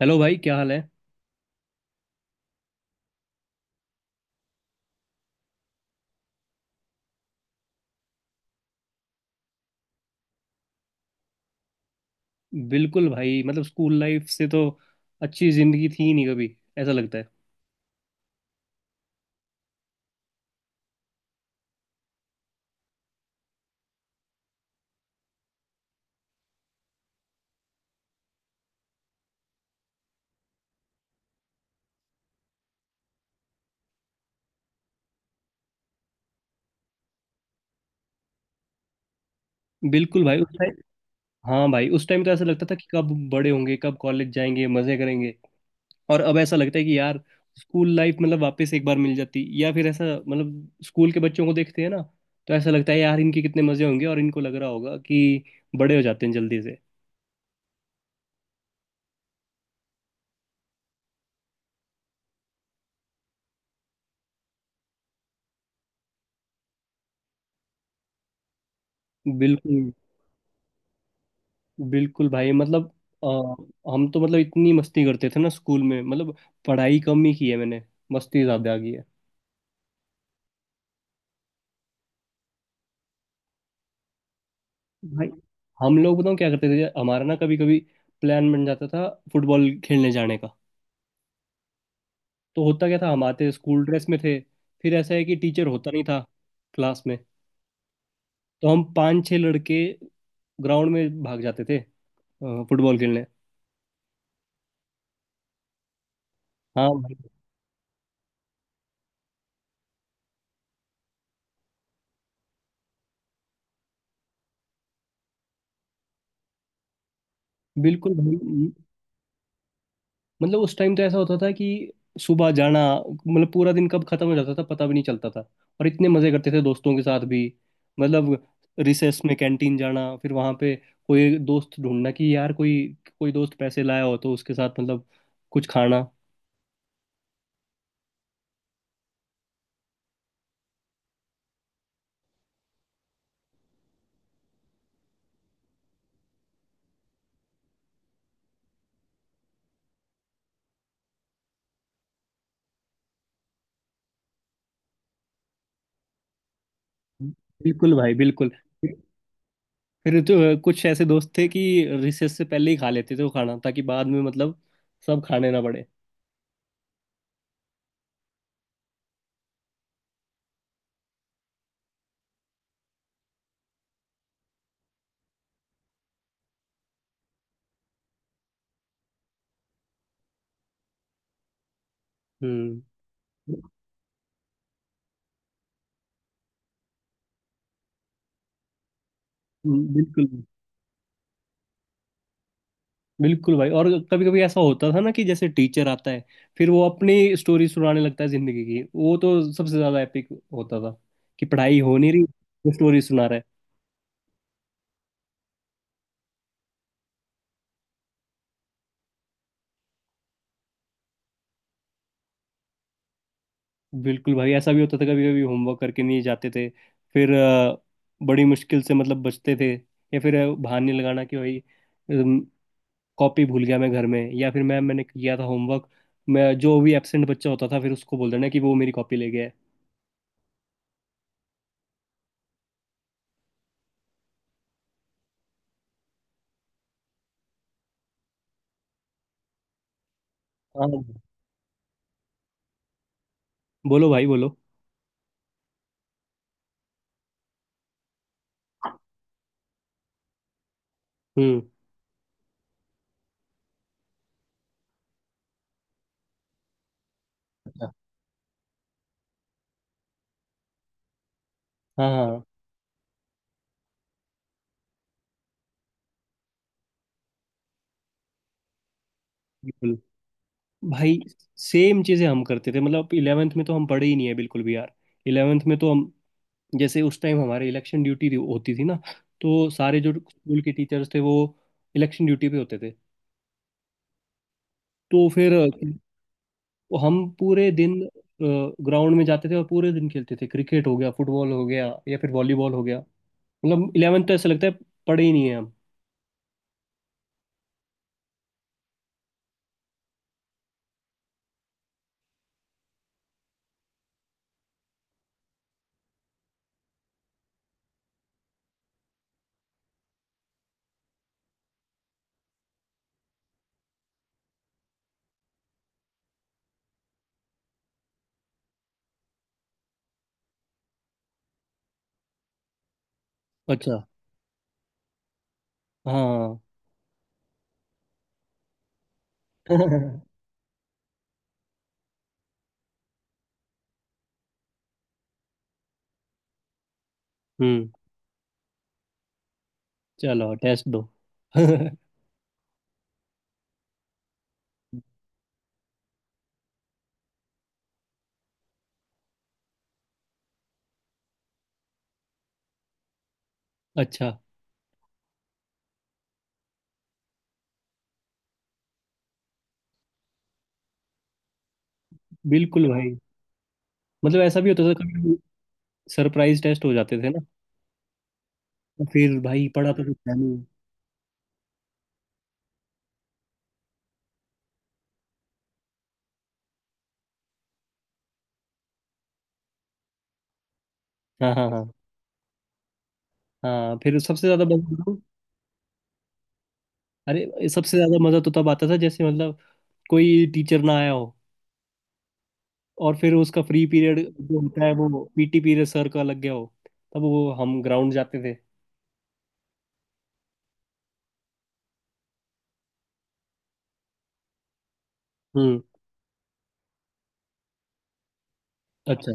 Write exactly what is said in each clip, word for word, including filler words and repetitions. Hello भाई, क्या हाल है। बिल्कुल भाई, मतलब स्कूल लाइफ से तो अच्छी जिंदगी थी ही नहीं कभी, ऐसा लगता है। बिल्कुल भाई, उस टाइम। हाँ भाई, उस टाइम तो ऐसा लगता था कि कब बड़े होंगे, कब कॉलेज जाएंगे, मजे करेंगे। और अब ऐसा लगता है कि यार स्कूल लाइफ मतलब वापस एक बार मिल जाती, या फिर ऐसा मतलब स्कूल के बच्चों को देखते हैं ना, तो ऐसा लगता है यार इनके कितने मजे होंगे। और इनको लग रहा होगा कि बड़े हो जाते हैं जल्दी से। बिल्कुल। बिल्कुल भाई, मतलब। अ, हम तो मतलब इतनी मस्ती करते थे ना स्कूल में, मतलब पढ़ाई कम ही की है मैंने, मस्ती ज्यादा की है। भाई, हम लोग बताऊँ क्या करते थे, हमारा ना कभी कभी प्लान बन जाता था फुटबॉल खेलने जाने का। तो होता क्या था, हम आते स्कूल ड्रेस में थे। फिर ऐसा है कि टीचर होता नहीं था क्लास में। तो हम पांच छह लड़के ग्राउंड में भाग जाते थे अ, फुटबॉल खेलने। हाँ भाई। बिल्कुल भाई, मतलब उस टाइम तो ऐसा होता था कि सुबह जाना, मतलब पूरा दिन कब खत्म हो जाता था पता भी नहीं चलता था। और इतने मजे करते थे दोस्तों के साथ भी, मतलब रिसेस में कैंटीन जाना, फिर वहां पे कोई दोस्त ढूंढना कि यार कोई कोई दोस्त पैसे लाया हो तो उसके साथ मतलब कुछ खाना। बिल्कुल भाई बिल्कुल। फिर तो कुछ ऐसे दोस्त थे कि रिसेस से पहले ही खा लेते थे वो खाना, ताकि बाद में मतलब सब खाने ना पड़े। हम्म। बिल्कुल बिल्कुल भाई, और कभी कभी ऐसा होता था ना कि जैसे टीचर आता है, फिर वो अपनी स्टोरी सुनाने लगता है जिंदगी की, वो तो सबसे ज्यादा एपिक होता था कि पढ़ाई हो नहीं रही, वो स्टोरी सुना रहा है। बिल्कुल भाई, ऐसा भी होता था कभी कभी होमवर्क करके नहीं जाते थे। फिर अ, बड़ी मुश्किल से मतलब बचते थे, या फिर अ, बहाने लगाना कि भाई अम, कॉपी भूल गया मैं घर में, या फिर मैम मैंने किया था होमवर्क। मैं जो भी एब्सेंट बच्चा होता था फिर उसको बोल देना कि वो मेरी कॉपी ले गया है। हाँ। बोलो भाई बोलो। हम्म। अच्छा। हाँ हाँ। बिल्कुल। भाई सेम चीजें हम करते थे, मतलब इलेवेंथ में तो हम पढ़े ही नहीं है बिल्कुल भी यार। इलेवेंथ में तो हम, जैसे उस टाइम हमारे इलेक्शन ड्यूटी होती थी ना। तो सारे जो स्कूल के टीचर्स थे वो इलेक्शन ड्यूटी पे होते थे। तो फिर तो हम पूरे दिन ग्राउंड में जाते थे और पूरे दिन खेलते थे, क्रिकेट हो गया, फुटबॉल हो गया, या फिर वॉलीबॉल हो गया, मतलब इलेवेंथ तो ऐसा लगता है पढ़े ही नहीं है हम। अच्छा। हाँ। हम्म। चलो टेस्ट दो। अच्छा। बिल्कुल भाई, मतलब ऐसा भी होता था कभी सरप्राइज टेस्ट हो जाते थे ना। तो फिर भाई पढ़ा तो कुछ है नहीं। हाँ हाँ हाँ। हाँ फिर सबसे ज्यादा मजा। अरे सबसे ज्यादा मजा तो तब आता था जैसे मतलब कोई टीचर ना आया हो, और फिर उसका फ्री पीरियड जो होता है वो पीटी पीरियड सर का लग गया हो, तब वो हम ग्राउंड जाते थे। हम्म। अच्छा।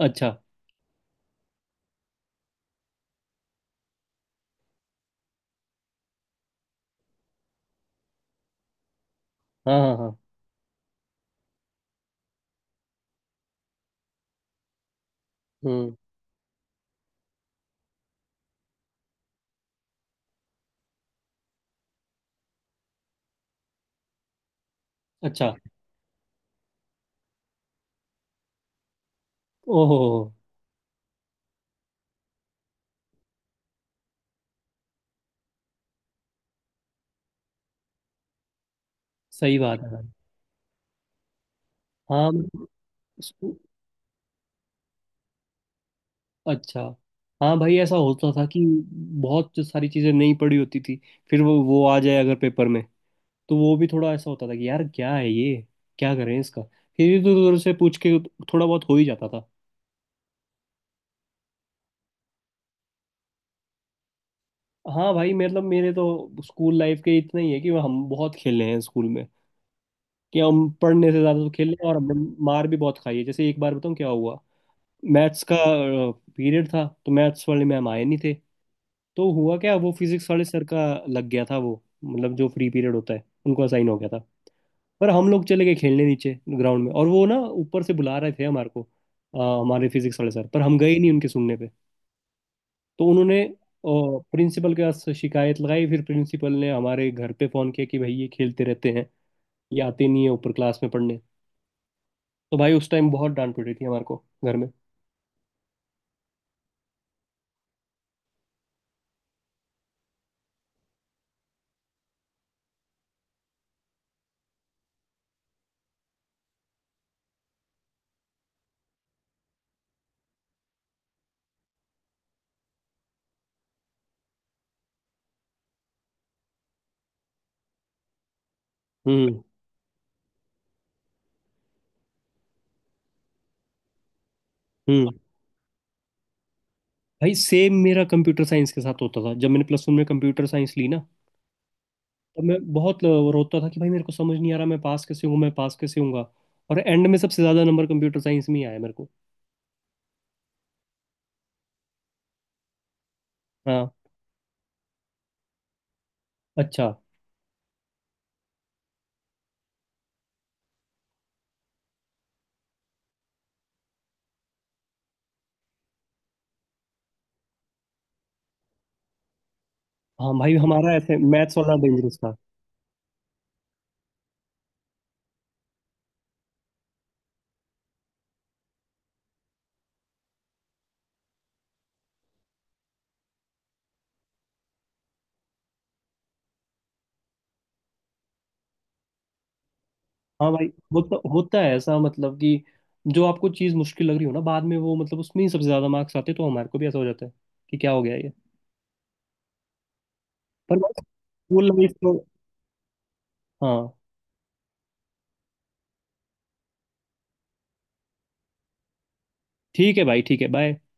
अच्छा। हाँ हाँ हाँ। हम्म। अच्छा। ओहो। सही बात है भाई। हाँ मतलब। अच्छा। हाँ भाई, ऐसा होता था कि बहुत जो सारी चीज़ें नहीं पड़ी होती थी, फिर वो वो आ जाए अगर पेपर में, तो वो भी थोड़ा ऐसा होता था कि यार क्या है ये, क्या करें इसका। फिर इधर उधर से पूछ के थोड़ा बहुत हो ही जाता था। हाँ भाई, मतलब मेरे तो स्कूल लाइफ के इतना ही है कि हम बहुत खेले हैं स्कूल में, कि हम पढ़ने से ज़्यादा तो खेले हैं, और हमने मार भी बहुत खाई है। जैसे एक बार बताऊँ क्या हुआ। मैथ्स का पीरियड था, तो मैथ्स वाले मैम आए नहीं थे। तो हुआ क्या, वो फिजिक्स वाले सर का लग गया था वो, मतलब जो फ्री पीरियड होता है उनको असाइन हो गया था। पर हम लोग चले गए खेलने नीचे ग्राउंड में, और वो ना ऊपर से बुला रहे थे हमारे को अ, हमारे फिजिक्स वाले सर। पर हम गए नहीं उनके सुनने पे। तो उन्होंने प्रिंसिपल के पास शिकायत लगाई। फिर प्रिंसिपल ने हमारे घर पे फोन किया कि भाई ये खेलते रहते हैं, ये आते नहीं है ऊपर क्लास में पढ़ने। तो भाई उस टाइम बहुत डांट पड़ी थी हमारे को घर में। हम्म। हम्म। भाई सेम मेरा कंप्यूटर साइंस के साथ होता था जब मैंने प्लस वन में कंप्यूटर साइंस ली ना। और मैं बहुत रोता था कि भाई मेरे को समझ नहीं आ रहा, मैं पास कैसे हूँ, मैं पास कैसे हूँगा। और एंड में सबसे ज्यादा नंबर कंप्यूटर साइंस में ही आया मेरे को। हाँ। अच्छा। हाँ भाई, हमारा ऐसे मैथ्स वाला डेंजरस था। हाँ भाई, होता होता है ऐसा मतलब कि जो आपको चीज़ मुश्किल लग रही हो ना, बाद में वो मतलब उसमें ही सबसे ज्यादा मार्क्स आते हैं, तो हमारे को भी ऐसा हो जाता है कि क्या हो गया ये। पर बस स्कूल लाइफ तो। हाँ ठीक है भाई, ठीक है। बाय।